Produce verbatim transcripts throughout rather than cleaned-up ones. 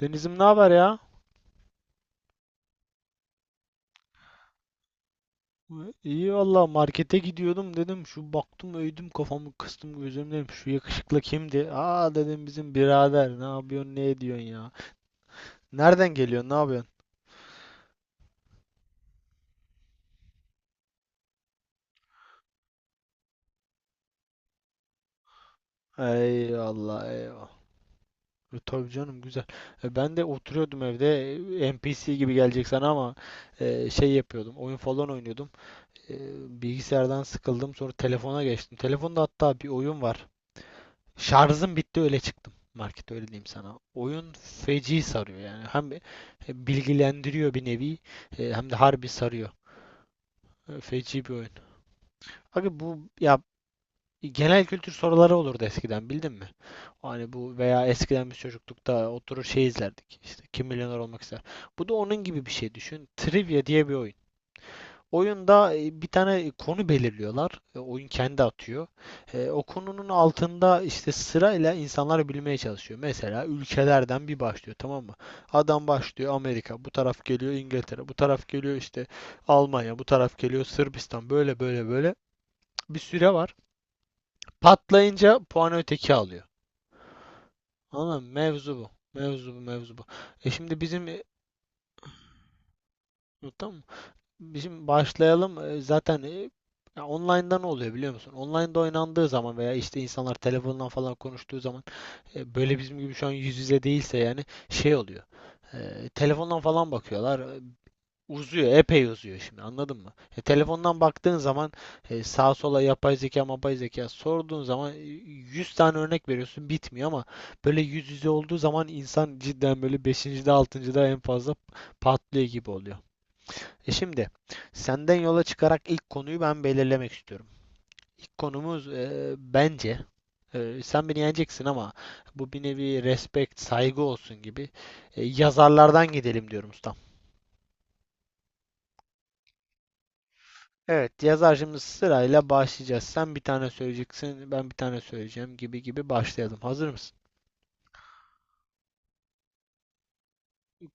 Denizim ne haber ya? İyi valla markete gidiyordum dedim şu baktım öydüm kafamı kıstım gözüm dedim şu yakışıklı kimdi? Aa dedim bizim birader ne yapıyorsun ne ediyorsun ya? Nereden geliyorsun ne yapıyorsun? Eyvallah eyvallah. E, tabii canım güzel. E, ben de oturuyordum evde, e, N P C gibi gelecek sana ama e, şey yapıyordum, oyun falan oynuyordum. E, Bilgisayardan sıkıldım, sonra telefona geçtim. Telefonda hatta bir oyun var. Şarjım bitti, öyle çıktım markete, öyle diyeyim sana. Oyun feci sarıyor yani. Hem bilgilendiriyor bir nevi, e, hem de harbi sarıyor. E, Feci bir oyun. Abi bu ya, genel kültür soruları olurdu eskiden, bildin mi? Hani bu, veya eskiden biz çocuklukta oturur şey izlerdik. İşte kim milyoner olmak ister. Bu da onun gibi bir şey, düşün. Trivia diye bir oyun. Oyunda e, bir tane konu belirliyorlar. E, Oyun kendi atıyor. E, o konunun altında işte sırayla insanlar bilmeye çalışıyor. Mesela ülkelerden bir başlıyor, tamam mı? Adam başlıyor Amerika, bu taraf geliyor İngiltere, bu taraf geliyor işte Almanya, bu taraf geliyor Sırbistan. Böyle böyle böyle bir süre var. Patlayınca puanı öteki alıyor. Anladın mı? Mevzu bu. Mevzu bu, mevzu bu. E şimdi bizim, e, tamam mı? Bizim başlayalım. Ee, Zaten e, ya, online'da ne oluyor biliyor musun? Online'da oynandığı zaman, veya işte insanlar telefondan falan konuştuğu zaman, e, böyle bizim gibi şu an yüz yüze değilse yani şey oluyor. E, telefondan falan bakıyorlar. E, Uzuyor, epey uzuyor şimdi, anladın mı? E, telefondan baktığın zaman, e, sağa sola yapay zeka, mapay zeka sorduğun zaman, e, yüz tane örnek veriyorsun, bitmiyor. Ama böyle yüz yüze olduğu zaman insan cidden böyle beşinci de altıncı da en fazla patlıyor gibi oluyor. E şimdi senden yola çıkarak ilk konuyu ben belirlemek istiyorum. İlk konumuz e, bence, e, sen beni yeneceksin ama bu bir nevi respect, saygı olsun gibi, e, yazarlardan gidelim diyorum ustam. Evet, yazarcımız sırayla başlayacağız. Sen bir tane söyleyeceksin, ben bir tane söyleyeceğim, gibi gibi başlayalım. Hazır mısın?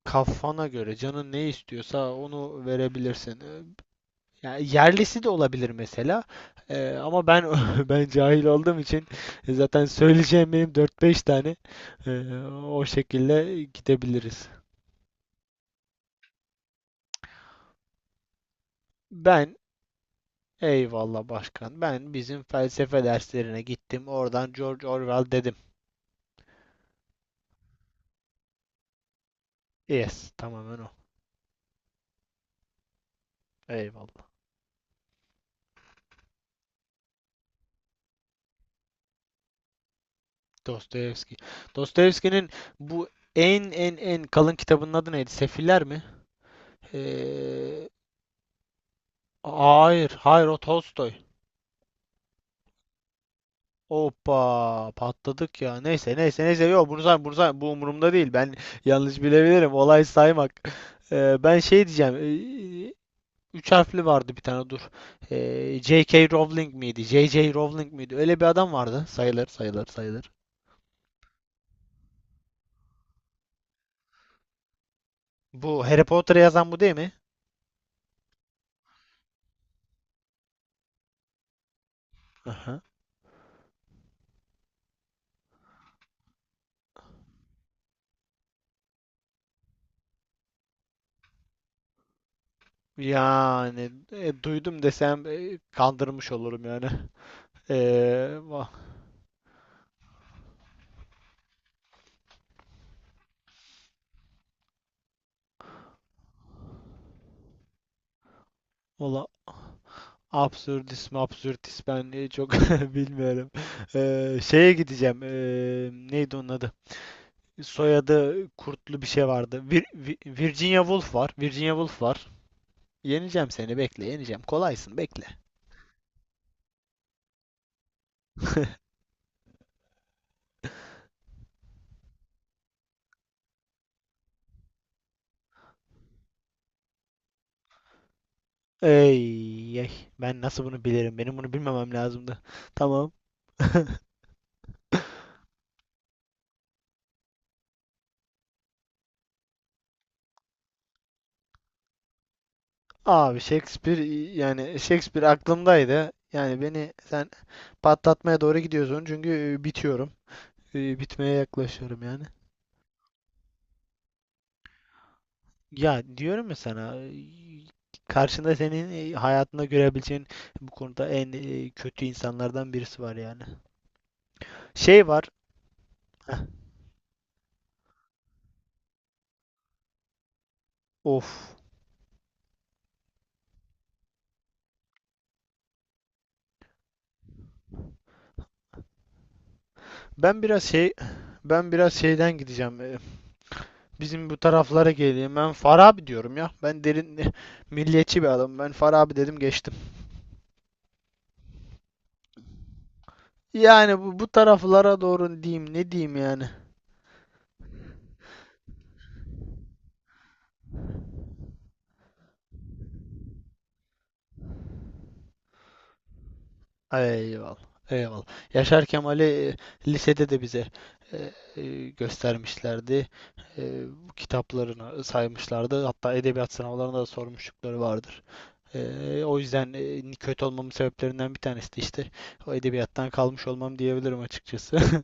Kafana göre, canın ne istiyorsa onu verebilirsin. E, Yani yerlisi de olabilir mesela. Eee, ama ben ben cahil olduğum için e, zaten söyleyeceğim benim dört beş tane. Eee, o şekilde gidebiliriz. Ben eyvallah başkan. Ben bizim felsefe derslerine gittim. Oradan George Orwell dedim. Yes, tamamen o. Eyvallah. Dostoyevski. Dostoyevski'nin bu en en en kalın kitabının adı neydi? Sefiller mi? Eee, hayır, hayır, o Tolstoy. Hoppa patladık ya. Neyse neyse neyse, yok bunu say, bunu say, bu umurumda değil. Ben yanlış bilebilirim. Olay saymak. Ee, ben şey diyeceğim. ee, üç harfli vardı bir tane, dur. Ee, J K. Rowling miydi? J J. Rowling miydi? Öyle bir adam vardı. Sayılır, sayılır, sayılır. Bu Harry Potter'ı yazan, bu değil mi? Aha. Yani e, duydum desem e, kandırmış olurum yani. Ee, va- Valla, Absürdist mi absürtist, ben e, çok bilmiyorum. Ee, şeye gideceğim. Ee, neydi onun adı? Soyadı kurtlu bir şey vardı. Vir- Vi- Virginia Woolf var. Virginia Woolf var. Yeneceğim seni, bekle, yeneceğim. Kolaysın, bekle. Ey, ey. Ben nasıl bunu bilirim? Benim bunu bilmemem lazımdı. Tamam. Abi Shakespeare, yani Shakespeare aklımdaydı. Yani beni sen patlatmaya doğru gidiyorsun çünkü e, bitiyorum. E, Bitmeye yaklaşıyorum yani. Ya diyorum ya sana, y- karşında senin e, hayatında görebileceğin bu konuda en e, kötü insanlardan birisi var yani. Şey var. Heh, of. Ben biraz şey ben biraz şeyden gideceğim. e, Bizim bu taraflara geleyim. Ben Farabi diyorum ya. Ben derin milliyetçi bir adamım. Ben Farabi dedim, geçtim. Yani bu, bu taraflara doğru diyeyim, ne diyeyim yani. Eyvallah. Eyvallah. Yaşar Kemal'i e, lisede de bize e, e, göstermişlerdi. E, Bu kitaplarını saymışlardı. Hatta edebiyat sınavlarında da sormuşlukları vardır. E, o yüzden e, kötü olmamın sebeplerinden bir tanesi de işte o edebiyattan kalmış olmam diyebilirim açıkçası.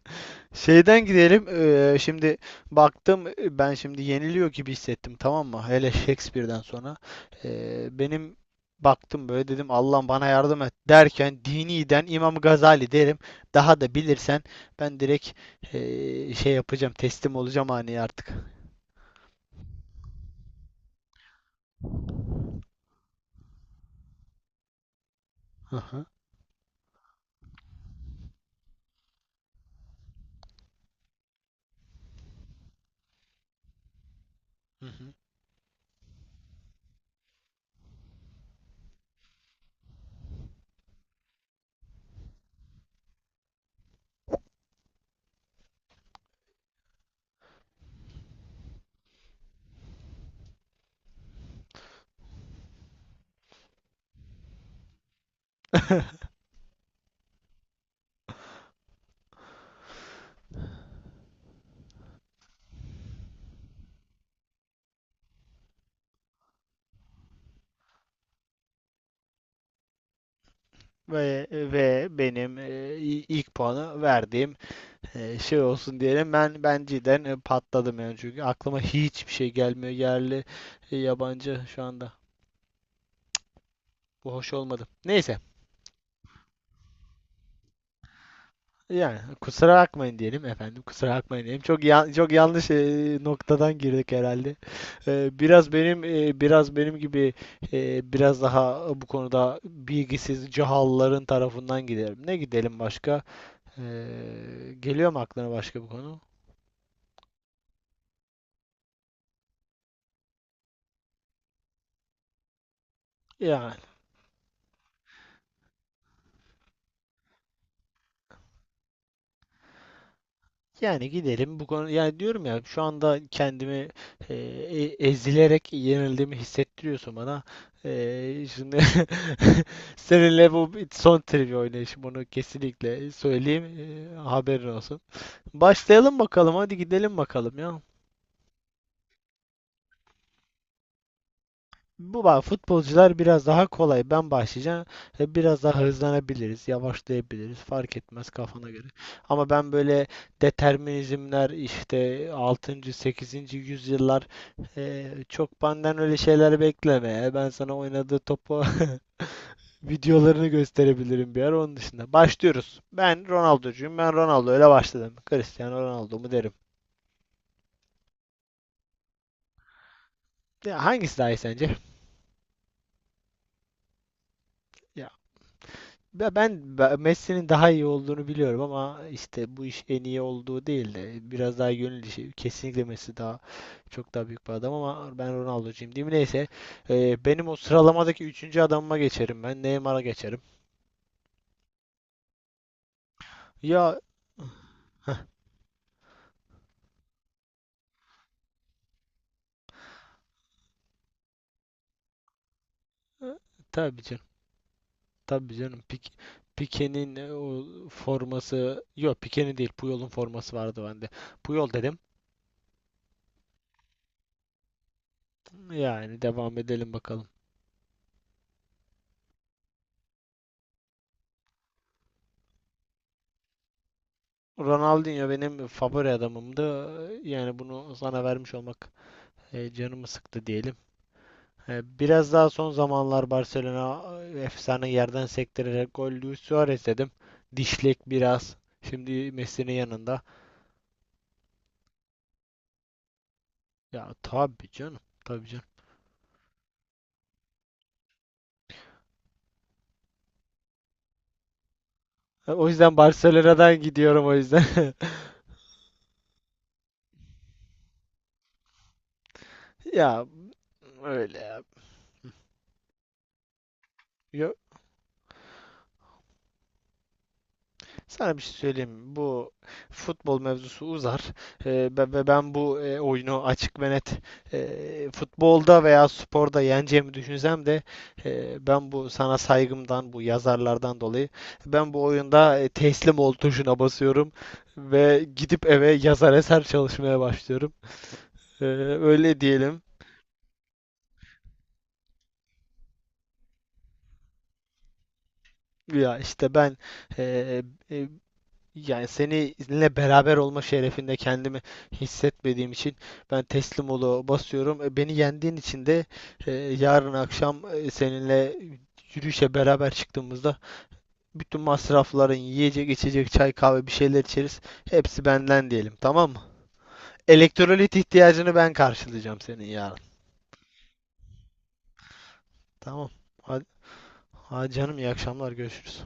Şeyden gidelim. eee, şimdi baktım, e, ben şimdi yeniliyor gibi hissettim, tamam mı? Hele Shakespeare'den sonra. Eee, benim baktım böyle, dedim Allah'ım bana yardım et, derken diniden İmam Gazali derim. Daha da bilirsen, ben direkt eee, şey yapacağım, teslim olacağım hani artık. Hı hı. Hı hı. Ve, ve benim eee, ilk puanı verdiğim e, şey olsun diyelim. Ben ben cidden e, patladım yani çünkü aklıma hiçbir şey gelmiyor, yerli e, yabancı şu anda. Bu hoş olmadı. Neyse. Yani kusura bakmayın diyelim efendim. Kusura bakmayın diyelim. Çok ya- çok yanlış e, noktadan girdik herhalde. E, biraz benim e, biraz benim gibi, e, biraz daha bu konuda bilgisiz cahalların tarafından gidelim. Ne gidelim başka? E, Geliyor mu aklına başka bir konu? Yani, Yani gidelim bu konu, yani diyorum ya, şu anda kendimi e, e- ezilerek yenildiğimi hissettiriyorsun bana. E, şimdi seninle bu bir son trivia oynayışım, onu kesinlikle söyleyeyim, e, haberin olsun. Başlayalım bakalım, hadi gidelim bakalım ya. Bu bak, futbolcular biraz daha kolay. Ben başlayacağım. E, Biraz daha hızlanabiliriz, yavaşlayabiliriz. Fark etmez, kafana göre. Ama ben böyle determinizmler işte altıncı, sekizinci yüzyıllar, e, çok benden öyle şeyler bekleme ya. Ben sana oynadığı topu videolarını gösterebilirim bir ara, onun dışında. Başlıyoruz. Ben Ronaldo'cuyum. Ben Ronaldo öyle başladım. Cristiano Ronaldo mu derim. Ya hangisi daha iyi sence? Ya, Ve ben be- Messi'nin daha iyi olduğunu biliyorum, ama işte bu iş en iyi olduğu değil de biraz daha gönül işi. Kesinlikle Messi daha çok daha büyük bir adam, ama ben Ronaldo'cuyum diyeyim. Neyse, e, benim o sıralamadaki üçüncü adamıma geçerim ben. Neymar'a geçerim. Ya, e, tabii canım. Tabii canım. Pik, Pique'nin e, o forması yok, Pique'nin değil, Puyol'un forması vardı bende. Puyol dedim. Yani devam edelim bakalım. Ronaldinho benim favori adamımdı. Yani bunu sana vermiş olmak, E, canımı sıktı diyelim. E, biraz daha son zamanlar Barcelona, e, efsane yerden sektirerek gol, Luis Suarez dedim. Dişlek biraz. Şimdi Messi'nin yanında. Ya tabii canım. Tabii canım. E, o yüzden Barcelona'dan gidiyorum, o yüzden. Ya öyle ya. Ya, Sana bir şey söyleyeyim mi? Bu futbol mevzusu uzar. Ee, ve ve ben bu e, oyunu, açık ve net e, futbolda veya sporda yeneceğimi düşünsem de, e, ben bu sana saygımdan, bu yazarlardan dolayı ben bu oyunda e, teslim ol tuşuna basıyorum ve gidip eve yazar eser çalışmaya başlıyorum. Ee, Öyle diyelim. Ya işte ben, e, e, Yani seninle beraber olma şerefinde kendimi hissetmediğim için ben teslim olu basıyorum. E, Beni yendiğin için de e, yarın akşam e, seninle yürüyüşe beraber çıktığımızda bütün masrafların, yiyecek, içecek, çay, kahve bir şeyler içeriz. Hepsi benden diyelim, tamam mı? Elektrolit ihtiyacını ben karşılayacağım senin, yarın. Tamam. Hadi, hadi canım, iyi akşamlar, görüşürüz.